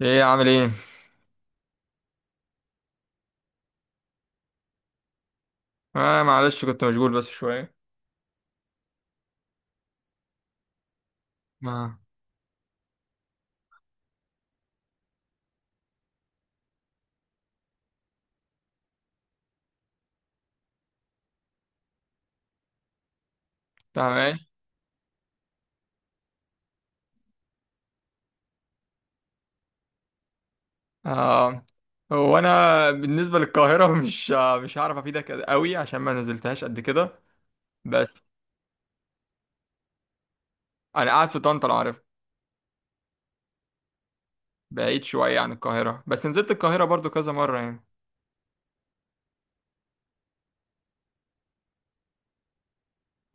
ايه عامل ايه؟ آه، معلش كنت مشغول بس شوية. ما. تمام. آه. هو انا بالنسبة للقاهرة مش هعرف افيدك قوي عشان ما نزلتهاش قد كده. بس. انا قاعد في طنطا لو عارف. بعيد شوية عن القاهرة بس نزلت القاهرة برضو كذا مرة يعني.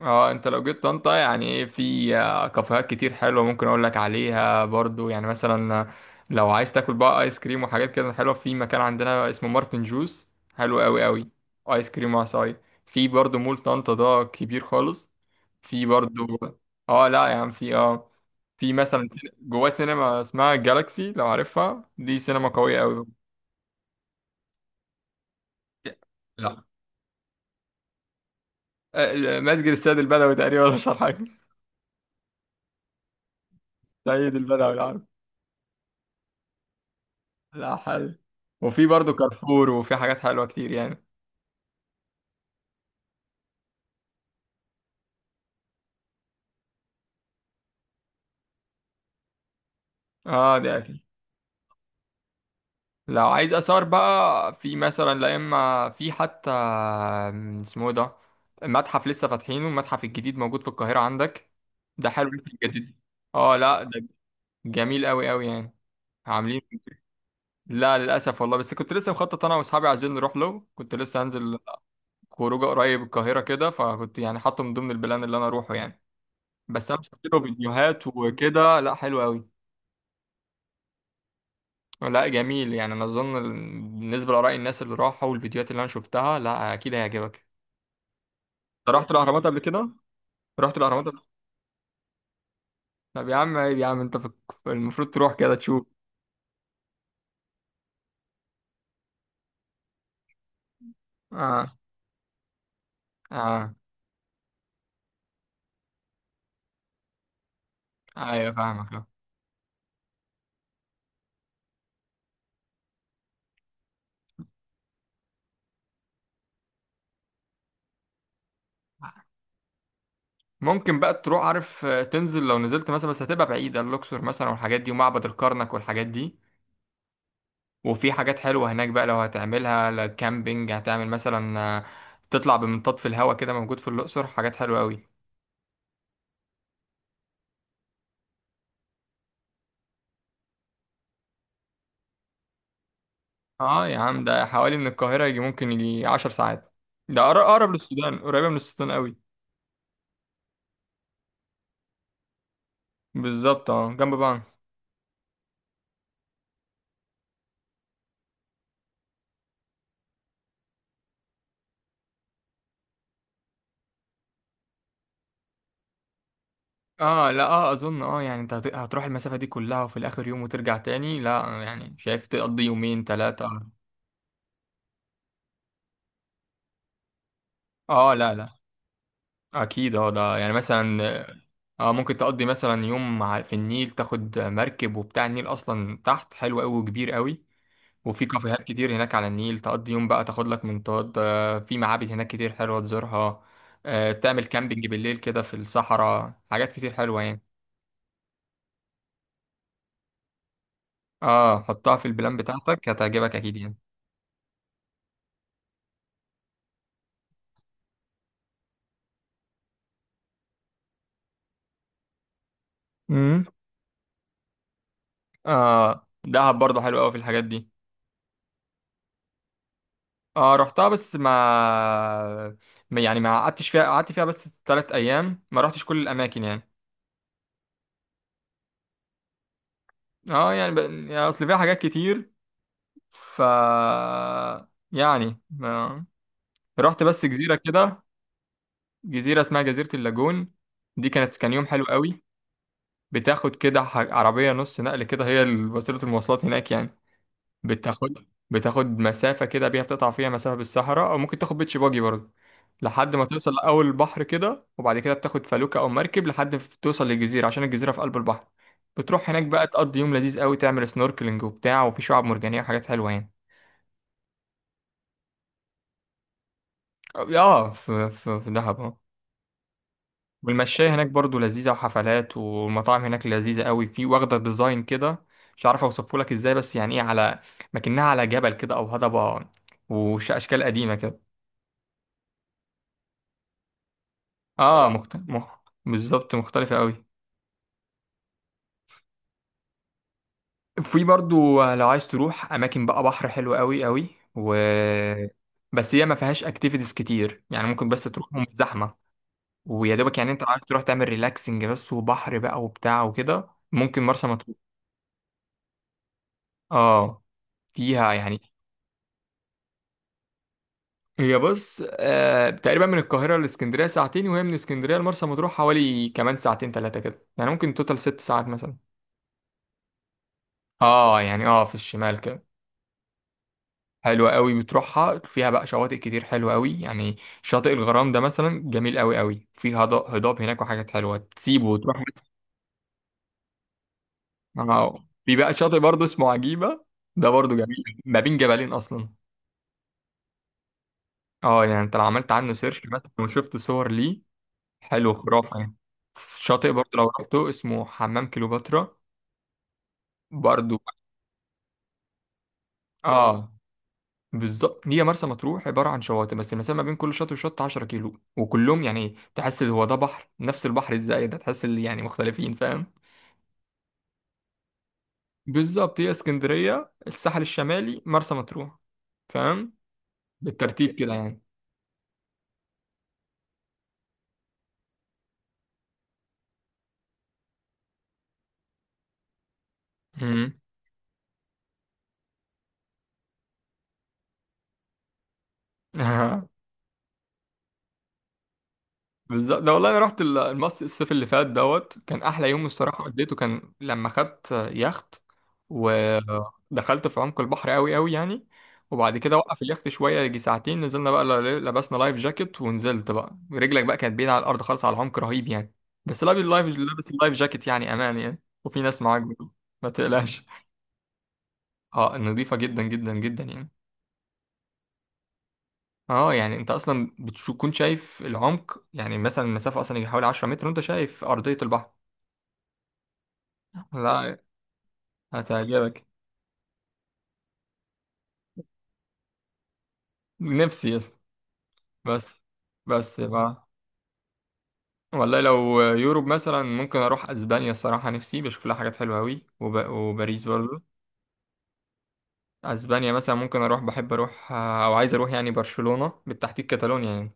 اه، انت لو جيت طنطا يعني ايه في كافيهات كتير حلوه ممكن اقول لك عليها برضو يعني مثلا، لو عايز تاكل بقى ايس كريم وحاجات كده حلوه في مكان عندنا اسمه مارتن جوز. حلو قوي قوي. ايس كريم وعصاي. في برضو مول طنطا ده كبير خالص. في برضو. اه لا يعني في اه، في مثلا جواه سينما اسمها جالاكسي لو عارفها، دي سينما قويه قوي. لا. مسجد السيد البدوي تقريبا، ولا مش عارف حاجه. سيد البدوي لا. لا حلو. وفي برضه كارفور، وفي حاجات حلوة كتير يعني. اه ده اكيد. لو عايز اثار بقى في مثلا، لا اما في حتى اسمه إيه ده، متحف لسه فاتحينه، المتحف الجديد موجود في القاهرة عندك. ده حلو لسه جديد. اه لا ده جميل قوي قوي يعني. عاملين. لا للاسف والله، بس كنت لسه مخطط، انا واصحابي عايزين نروح له، كنت لسه هنزل خروجه قريب القاهرة كده، فكنت يعني حاطه من ضمن البلان اللي انا اروحه يعني. بس انا شفت له فيديوهات وكده، لا حلو قوي. لا جميل يعني، انا اظن بالنسبه لاراء الناس اللي راحوا والفيديوهات اللي انا شفتها، لا اكيد هيعجبك. أنت رحت الاهرامات قبل كده؟ رحت الاهرامات قبل... طب يا عم، عيب يا عم، المفروض تروح كده تشوف. اه. اه. ايوه فاهمك. ممكن بقى تروح عارف، تنزل لو نزلت مثلا، بس هتبقى بعيده، الاقصر مثلا والحاجات دي، ومعبد الكرنك والحاجات دي. وفي حاجات حلوه هناك بقى، لو هتعملها لا، كامبينج هتعمل مثلا تطلع بمنطاد في الهواء كده، موجود في الاقصر، حاجات حلوه قوي. اه يا عم، ده حوالي من القاهرة يجي، ممكن يجي 10 ساعات. ده أقرب للسودان، قريبة من السودان قوي. بالظبط اه جنب بعض. اه لا اه أظن اه يعني أنت هتروح المسافة دي كلها، وفي الآخر يوم وترجع تاني؟ لا يعني شايف تقضي يومين تلاتة. اه لا لا أكيد اه ده يعني مثلا. اه ممكن تقضي مثلا يوم، في النيل تاخد مركب وبتاع، النيل أصلا تحت حلو قوي وكبير قوي. وفي كافيهات كتير هناك على النيل، تقضي يوم بقى، تاخد لك منطاد، في معابد هناك كتير حلوة تزورها، تعمل كامبينج بالليل كده في الصحراء، حاجات كتير حلوة يعني. اه حطها في البلان بتاعتك، هتعجبك اكيد يعني. امم. اه دهب برضه حلو قوي في الحاجات دي. اه رحتها، بس يعني ما قعدتش فيها، قعدت فيها بس 3 ايام، ما رحتش كل الاماكن يعني. اه يعني، يعني اصل فيها حاجات كتير. ف يعني ما... رحت بس جزيرة كده. جزيرة اسمها جزيرة اللاجون، دي كانت، كان يوم حلو قوي. بتاخد كده عربية نص نقل كده، هي وسيلة المواصلات هناك يعني. بتاخد مسافة كده بيها، بتقطع فيها مسافة بالصحراء، أو ممكن تاخد بيتش باجي برضه، لحد ما توصل لأول البحر كده، وبعد كده بتاخد فلوكة أو مركب لحد ما توصل للجزيرة، عشان الجزيرة في قلب البحر. بتروح هناك بقى، تقضي يوم لذيذ قوي، تعمل سنوركلينج وبتاع، وفي شعاب مرجانية وحاجات حلوة يعني. اه في دهب. والمشاية هناك برضو لذيذة، وحفلات، والمطاعم هناك لذيذة قوي، في واخدة ديزاين كده مش عارف اوصفه لك ازاي، بس يعني ايه، على مكنها على جبل كده او هضبة، واشكال قديمة كده. اه اه بالظبط مختلفة قوي. في برضو لو عايز تروح اماكن بقى، بحر حلو قوي قوي. و بس هي ما فيهاش اكتيفيتيز كتير يعني، ممكن بس تروحهم زحمة. ويا دوبك يعني، انت عايز تروح تعمل ريلاكسنج بس وبحر بقى وبتاع وكده، ممكن مرسى مطروح. اه فيها يعني. هي بص تقريبا من القاهرة لإسكندرية ساعتين، وهي من إسكندرية لمرسى مطروح حوالي كمان ساعتين تلاتة كده، يعني ممكن توتال 6 ساعات مثلا. اه يعني اه، في الشمال كده. حلوة قوي بتروحها، فيها بقى شواطئ كتير حلوة قوي يعني. شاطئ الغرام ده مثلا جميل قوي قوي، في هضاب هناك وحاجات حلوة، تسيبه وتروح. اه، في بقى شاطئ برضه اسمه عجيبة، ده برضه جميل ما بين جبلين أصلا. اه يعني انت لو عملت عنه سيرش مثلا، وشفت صور ليه، حلو خرافة يعني. شاطئ برضه لو رحته اسمه حمام كليوباترا، برضه. اه بالظبط، هي مرسى مطروح عبارة عن شواطئ، بس المسافة ما بين كل شاطئ وشط 10 كيلو، وكلهم يعني تحس هو ده بحر، نفس البحر ازاي، ده تحس يعني مختلفين، فاهم. بالظبط، هي اسكندرية، الساحل الشمالي، مرسى مطروح، فاهم؟ بالترتيب كده يعني. مم. بالظبط، ده والله انا رحت المصيف، الصيف اللي فات دوت كان احلى يوم الصراحه قضيته، كان لما خدت يخت ودخلت في عمق البحر قوي قوي يعني. وبعد كده وقف اليخت شويه يجي ساعتين، نزلنا بقى، لبسنا لايف جاكيت، ونزلت بقى، رجلك بقى كانت بعيده على الارض خالص، على عمق رهيب يعني. بس لابس اللايف جاكيت، يعني امان يعني، وفي ناس معاك برضه، ما تقلقش. اه نظيفه جدا جدا جدا يعني. اه يعني انت اصلا بتكون شايف العمق، يعني مثلا المسافه اصلا يجي حوالي 10 متر، وانت شايف ارضيه البحر. لا هتعجبك. نفسي يس. بس بس بقى. والله لو يوروب مثلا، ممكن اروح اسبانيا الصراحه، نفسي بشوف لها حاجات حلوه قوي، وباريس برضو. اسبانيا مثلا ممكن اروح، بحب اروح او عايز اروح يعني برشلونه بالتحديد، كاتالونيا يعني.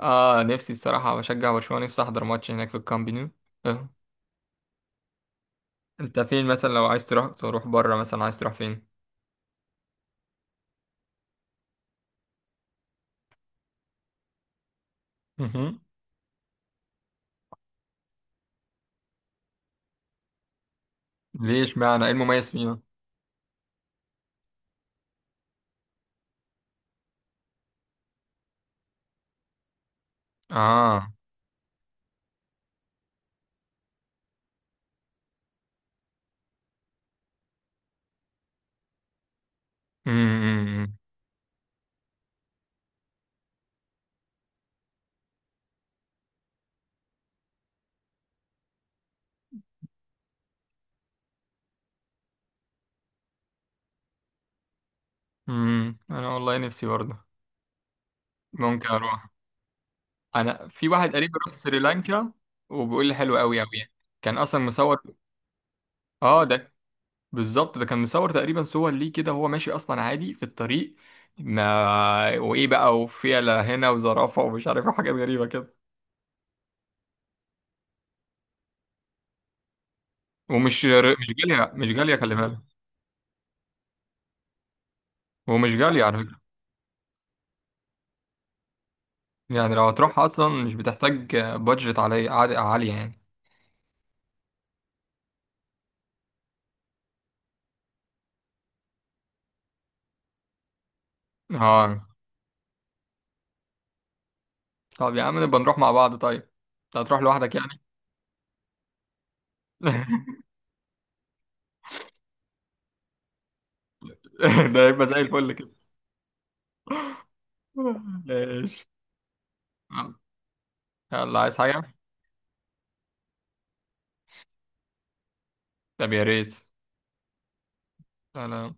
اه نفسي الصراحه بشجع برشلونه، نفسي احضر ماتش هناك في الكامب نو آه. انت فين مثلا لو عايز تروح، تروح بره مثلا، عايز تروح فين؟ مهم. ليش؟ معنى ايه المميز فيها؟ اه. أمم. أمم. انا والله نفسي برضه، ممكن اروح. انا في واحد قريب راح سريلانكا، وبيقول لي حلو قوي قوي يعني، كان اصلا مصور. اه ده بالظبط، ده كان مصور تقريبا، صور ليه كده وهو ماشي اصلا عادي في الطريق، ما وايه بقى، وفيلة هنا وزرافة ومش عارف إيه، حاجات غريبة كده. ومش مش غالية، مش غالية خلي بالك، ومش غالية على فكرة. يعني لو هتروح اصلا مش بتحتاج بادجت عالية، عالية يعني. اه طب يا عم نبقى نروح مع بعض، طيب انت هتروح لوحدك يعني؟ ده يبقى زي الفل كده. ماشي. يلا عايز حاجة؟ طب يا ريت. لا لا